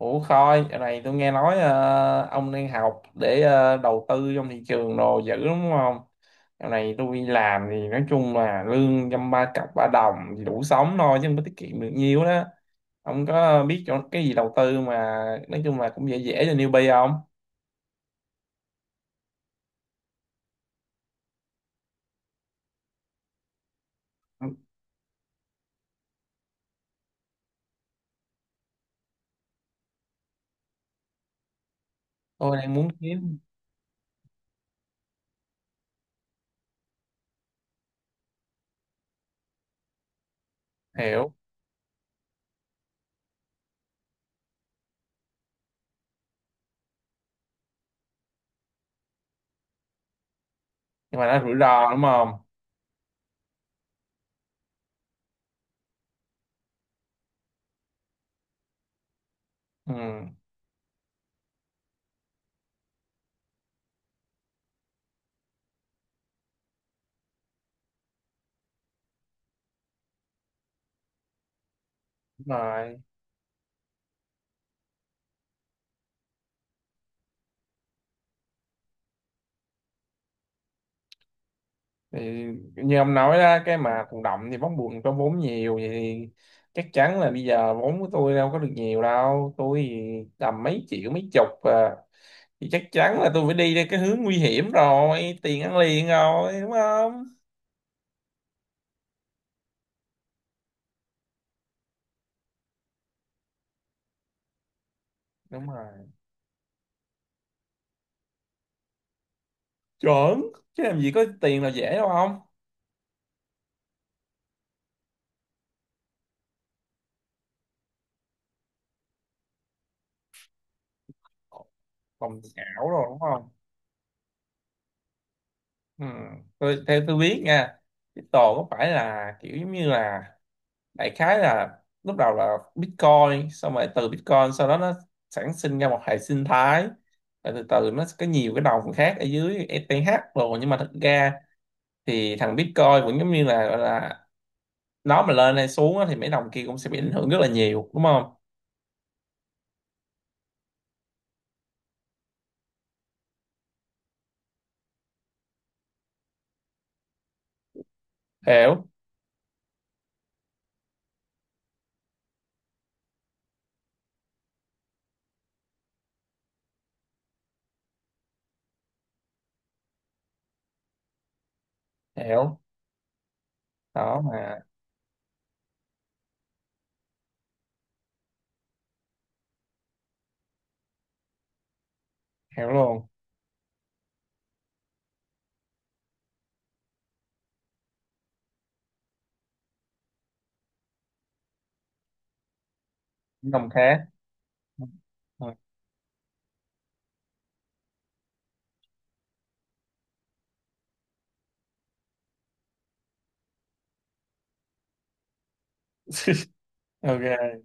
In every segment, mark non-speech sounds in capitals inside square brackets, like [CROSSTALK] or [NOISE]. Ủa Khôi, giờ này tôi nghe nói ông đang học để đầu tư trong thị trường đồ dữ đúng không? Giờ này tôi đi làm thì nói chung là lương dăm ba cặp ba đồng thì đủ sống thôi chứ không có tiết kiệm được nhiều đó. Ông có biết chỗ cái gì đầu tư mà nói chung là cũng dễ dễ cho newbie không? Tôi đang muốn kiếm hiểu. Nhưng mà nó rủi ro đúng không? Ừ, đúng rồi. Thì như ông nói đó, cái mà thụ động thì bóng buồn có vốn nhiều vậy thì chắc chắn là bây giờ vốn của tôi đâu có được nhiều đâu, tôi thì tầm mấy triệu mấy chục à, thì chắc chắn là tôi phải đi theo cái hướng nguy hiểm rồi, tiền ăn liền rồi đúng không. Đúng rồi, chuẩn, chứ làm gì có tiền là dễ đâu không. Lòng ảo rồi đúng không. Ừ. Tôi, theo tôi biết nha, crypto có phải là kiểu giống như là, đại khái là lúc đầu là Bitcoin, xong rồi từ Bitcoin sau đó nó sản sinh ra một hệ sinh thái, rồi từ từ nó có nhiều cái đồng khác ở dưới ETH, rồi nhưng mà thực ra thì thằng Bitcoin vẫn giống như là gọi là, nó mà lên hay xuống á, thì mấy đồng kia cũng sẽ bị ảnh hưởng rất là nhiều đúng không. Hiểu. Hiểu. Đó mà. Hiểu luôn. Những đồng khác. Ừ. [LAUGHS] Ok.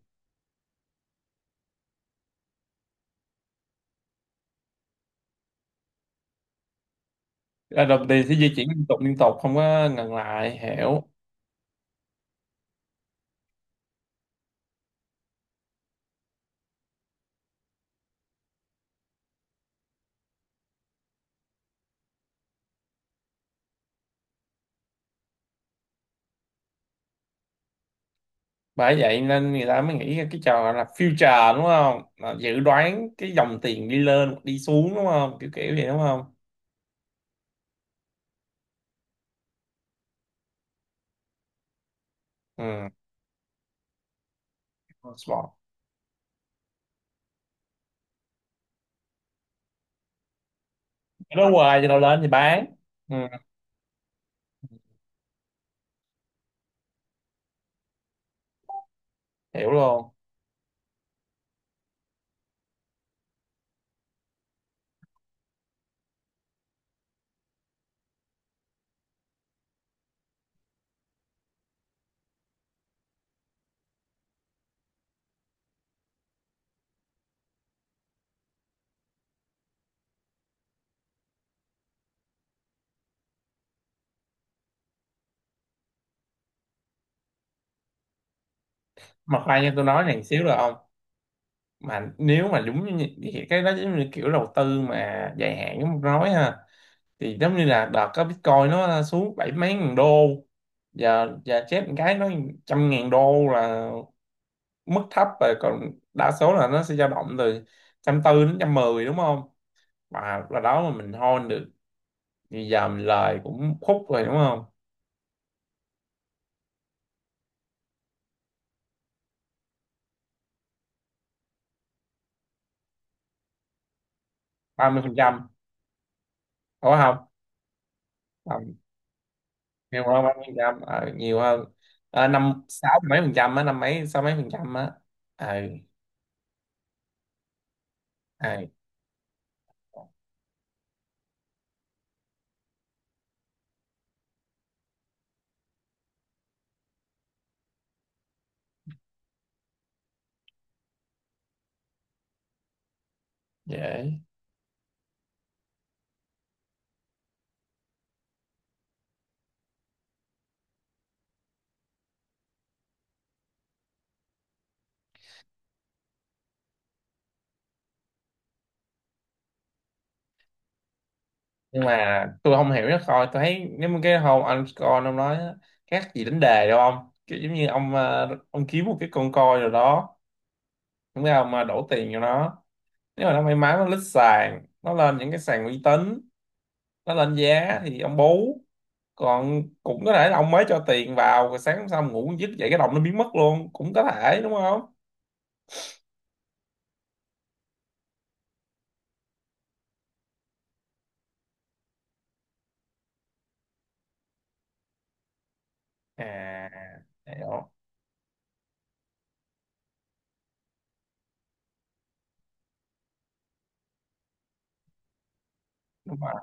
Là đồng tiền sẽ di chuyển liên tục không có ngừng lại, hiểu. Bởi vậy nên người ta mới nghĩ ra cái trò gọi là future đúng không, là dự đoán cái dòng tiền đi lên hoặc đi xuống đúng không, kiểu kiểu vậy đúng không. Ừ. Spot. Nó hoài cho nó lên thì bán. Ừ. Hiểu luôn. Mà khoan, cho tôi nói này một xíu được không. Mà nếu mà đúng như như cái đó giống như kiểu đầu tư mà dài hạn giống tôi nói ha, thì giống như là đợt có Bitcoin nó xuống bảy mấy ngàn đô, giờ giờ chết một cái nó trăm ngàn đô là mức thấp rồi, còn đa số là nó sẽ dao động từ trăm tư đến trăm mười đúng không, và là đó mà mình hold được thì giờ mình lời cũng khúc rồi đúng không. Ba mươi phần trăm đúng không. Tầm nhiều hơn ba mươi phần trăm, nhiều hơn. Ờ, năm sáu mấy phần trăm á, năm mấy sáu mấy phần trăm á. Ờ. Ờ, dễ. Nhưng mà tôi không hiểu nó coi, tôi thấy nếu mà cái hôm anh coi ông nói á, khác gì đánh đề đâu ông, kiểu giống như ông ông kiếm một cái con coi rồi đó đúng không, mà đổ tiền cho nó, nếu mà nó may mắn nó lít sàn, nó lên những cái sàn uy tín, nó lên giá thì ông bú, còn cũng có thể là ông mới cho tiền vào rồi sáng hôm sau ngủ dứt dậy cái đồng nó biến mất luôn cũng có thể đúng không. À, hiểu. Đúng rồi.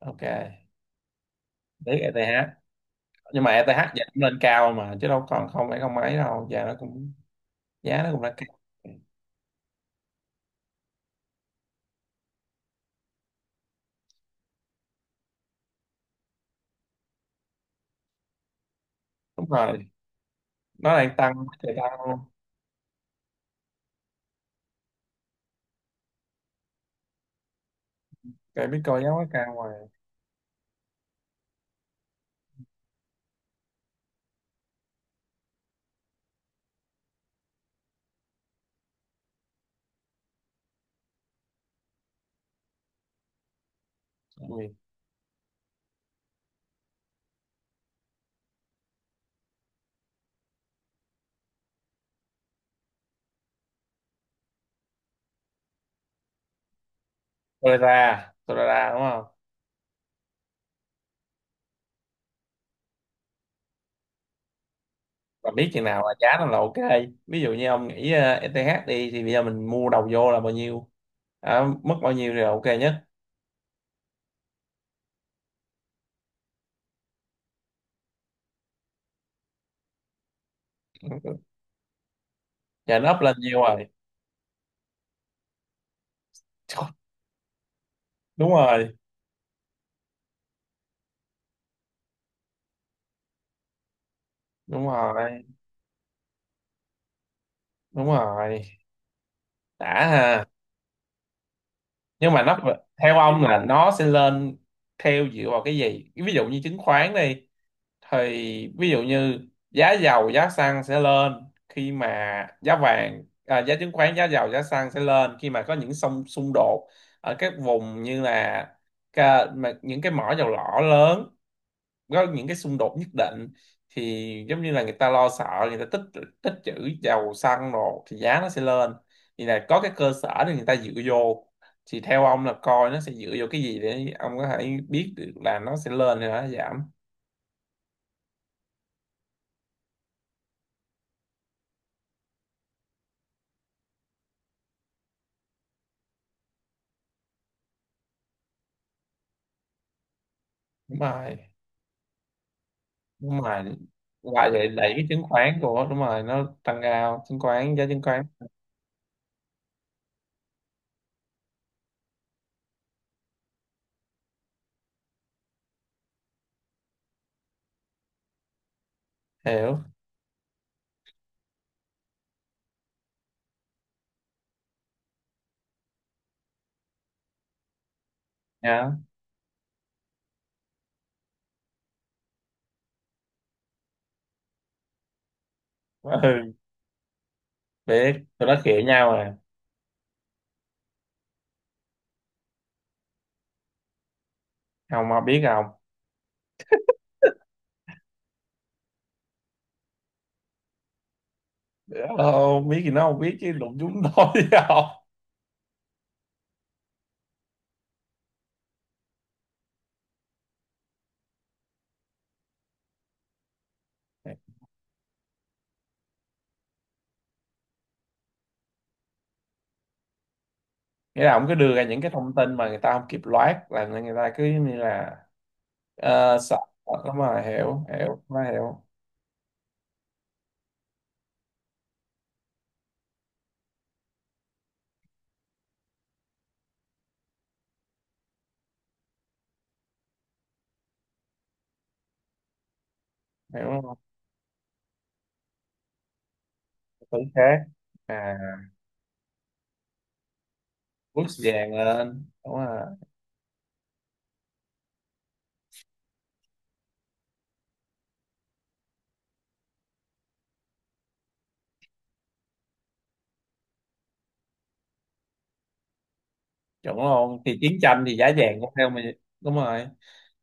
Ok. Đấy E ETH. Nhưng mà E ETH giờ cũng lên cao mà, chứ đâu còn không phải không ấy đâu, giờ nó cũng giá nó cũng đã cao. Đúng rồi, nó đang tăng. Trời tăng luôn. Cái Bitcoin giá quá cao rồi. Gì? Solana, Solana đúng không? Mà biết chừng nào là giá nó là ok. Ví dụ như ông nghĩ ETH đi, thì bây giờ mình mua đầu vô là bao nhiêu, à, mất bao nhiêu thì là ok nhất. Giờ nó up lên nhiều rồi. [LAUGHS] Trời, đúng rồi, đúng rồi, đúng rồi, đã ha. Nhưng mà nó, theo ông là nó sẽ lên theo, dựa vào cái gì? Ví dụ như chứng khoán đi, thì ví dụ như giá dầu giá xăng sẽ lên khi mà, giá vàng à, giá chứng khoán giá dầu giá xăng sẽ lên khi mà có những xung xung đột ở các vùng như là ca, mà những cái mỏ dầu lỏ lớn có những cái xung đột nhất định, thì giống như là người ta lo sợ, người ta tích tích trữ dầu xăng rồi thì giá nó sẽ lên, thì là có cái cơ sở để người ta dựa vô. Thì theo ông là coi nó sẽ dựa vô cái gì để ông có thể biết được là nó sẽ lên hay là nó giảm. Đúng rồi. Đúng rồi, lại để đẩy cái chứng khoán của, đúng rồi, nó tăng cao chứng khoán, giá chứng khoán. Hiểu. Nhá. Ừ. Biết tụi nó khịa nhau à. Không mà biết không. Ờ, biết thì nó không biết chứ đụng chúng tôi [LAUGHS] không. Nghĩa là ông cứ đưa ra những cái thông tin mà người ta không kịp loát là người ta cứ như là, ờ, sợ. Đúng rồi, hiểu hiểu nó hiểu. Hiểu không? Tử khác. À. Bước vàng lên, đúng rồi. Chuẩn luôn, thì chiến tranh thì giá vàng cũng theo mình. Đúng rồi,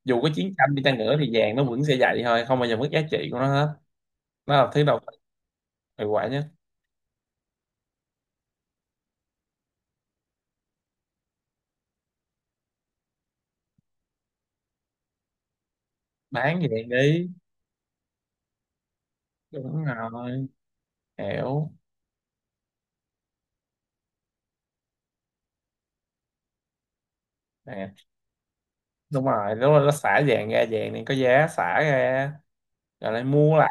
dù có 900 đi chăng nữa thì vàng nó vẫn sẽ vậy thôi, không bao giờ mất giá trị của nó hết. Nó là thứ đầu tiên hiệu quả nhất. Bán vàng đi. Đúng rồi, hiểu. Nè. Đúng rồi, đúng rồi, nó xả vàng ra, vàng này có giá xả ra, rồi lại mua lại.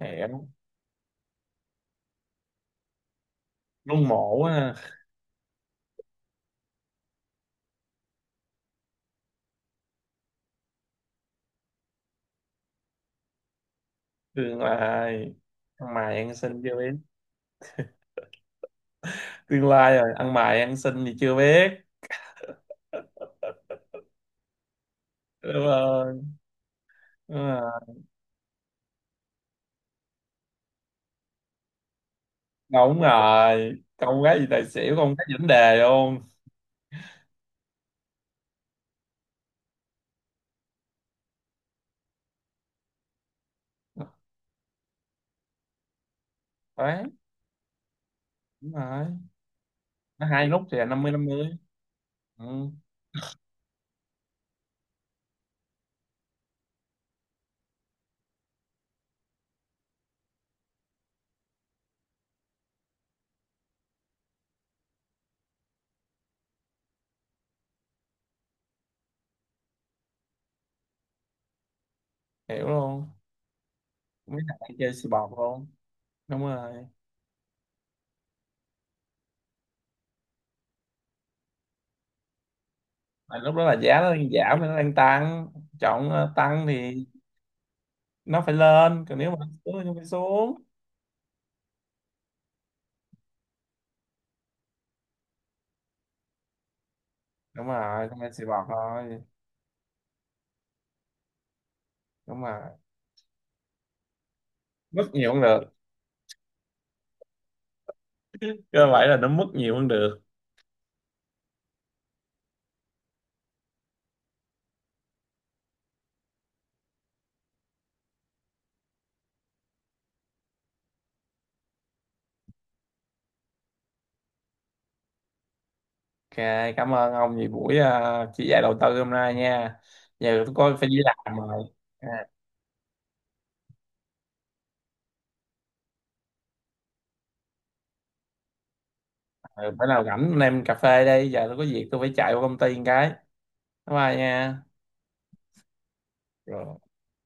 Hiểu luôn mổ á. Tương lai. Ăn mày ăn xin chưa biết. Tương lai rồi ăn mày ăn xin thì chưa biết. Đúng rồi. Đúng rồi. Đúng rồi, con gái gì tài xỉu không cái vấn đề luôn. Đấy. Đúng rồi, nó hai lúc thì là năm mươi năm mươi. Ừ, hiểu luôn. Mấy thằng đang chơi xì bọt luôn. Đúng rồi. Tại lúc đó là giá nó đang giảm nên nó đang tăng. Chọn tăng thì nó phải lên, còn nếu mà nó xuống thì nó phải xuống. Đúng rồi, không nên xì bọt thôi. Đúng rồi. Mất nhiều cũng được. Cơ vậy là nó mất nhiều cũng được. Ok, cảm ơn ông vì buổi chỉ dạy đầu tư hôm nay nha. Giờ tôi coi phải đi làm rồi. À, ừ, bữa nào rảnh anh em cà phê đi, giờ tôi có việc tôi phải chạy qua công ty một cái. Bye bye nha. Rồi.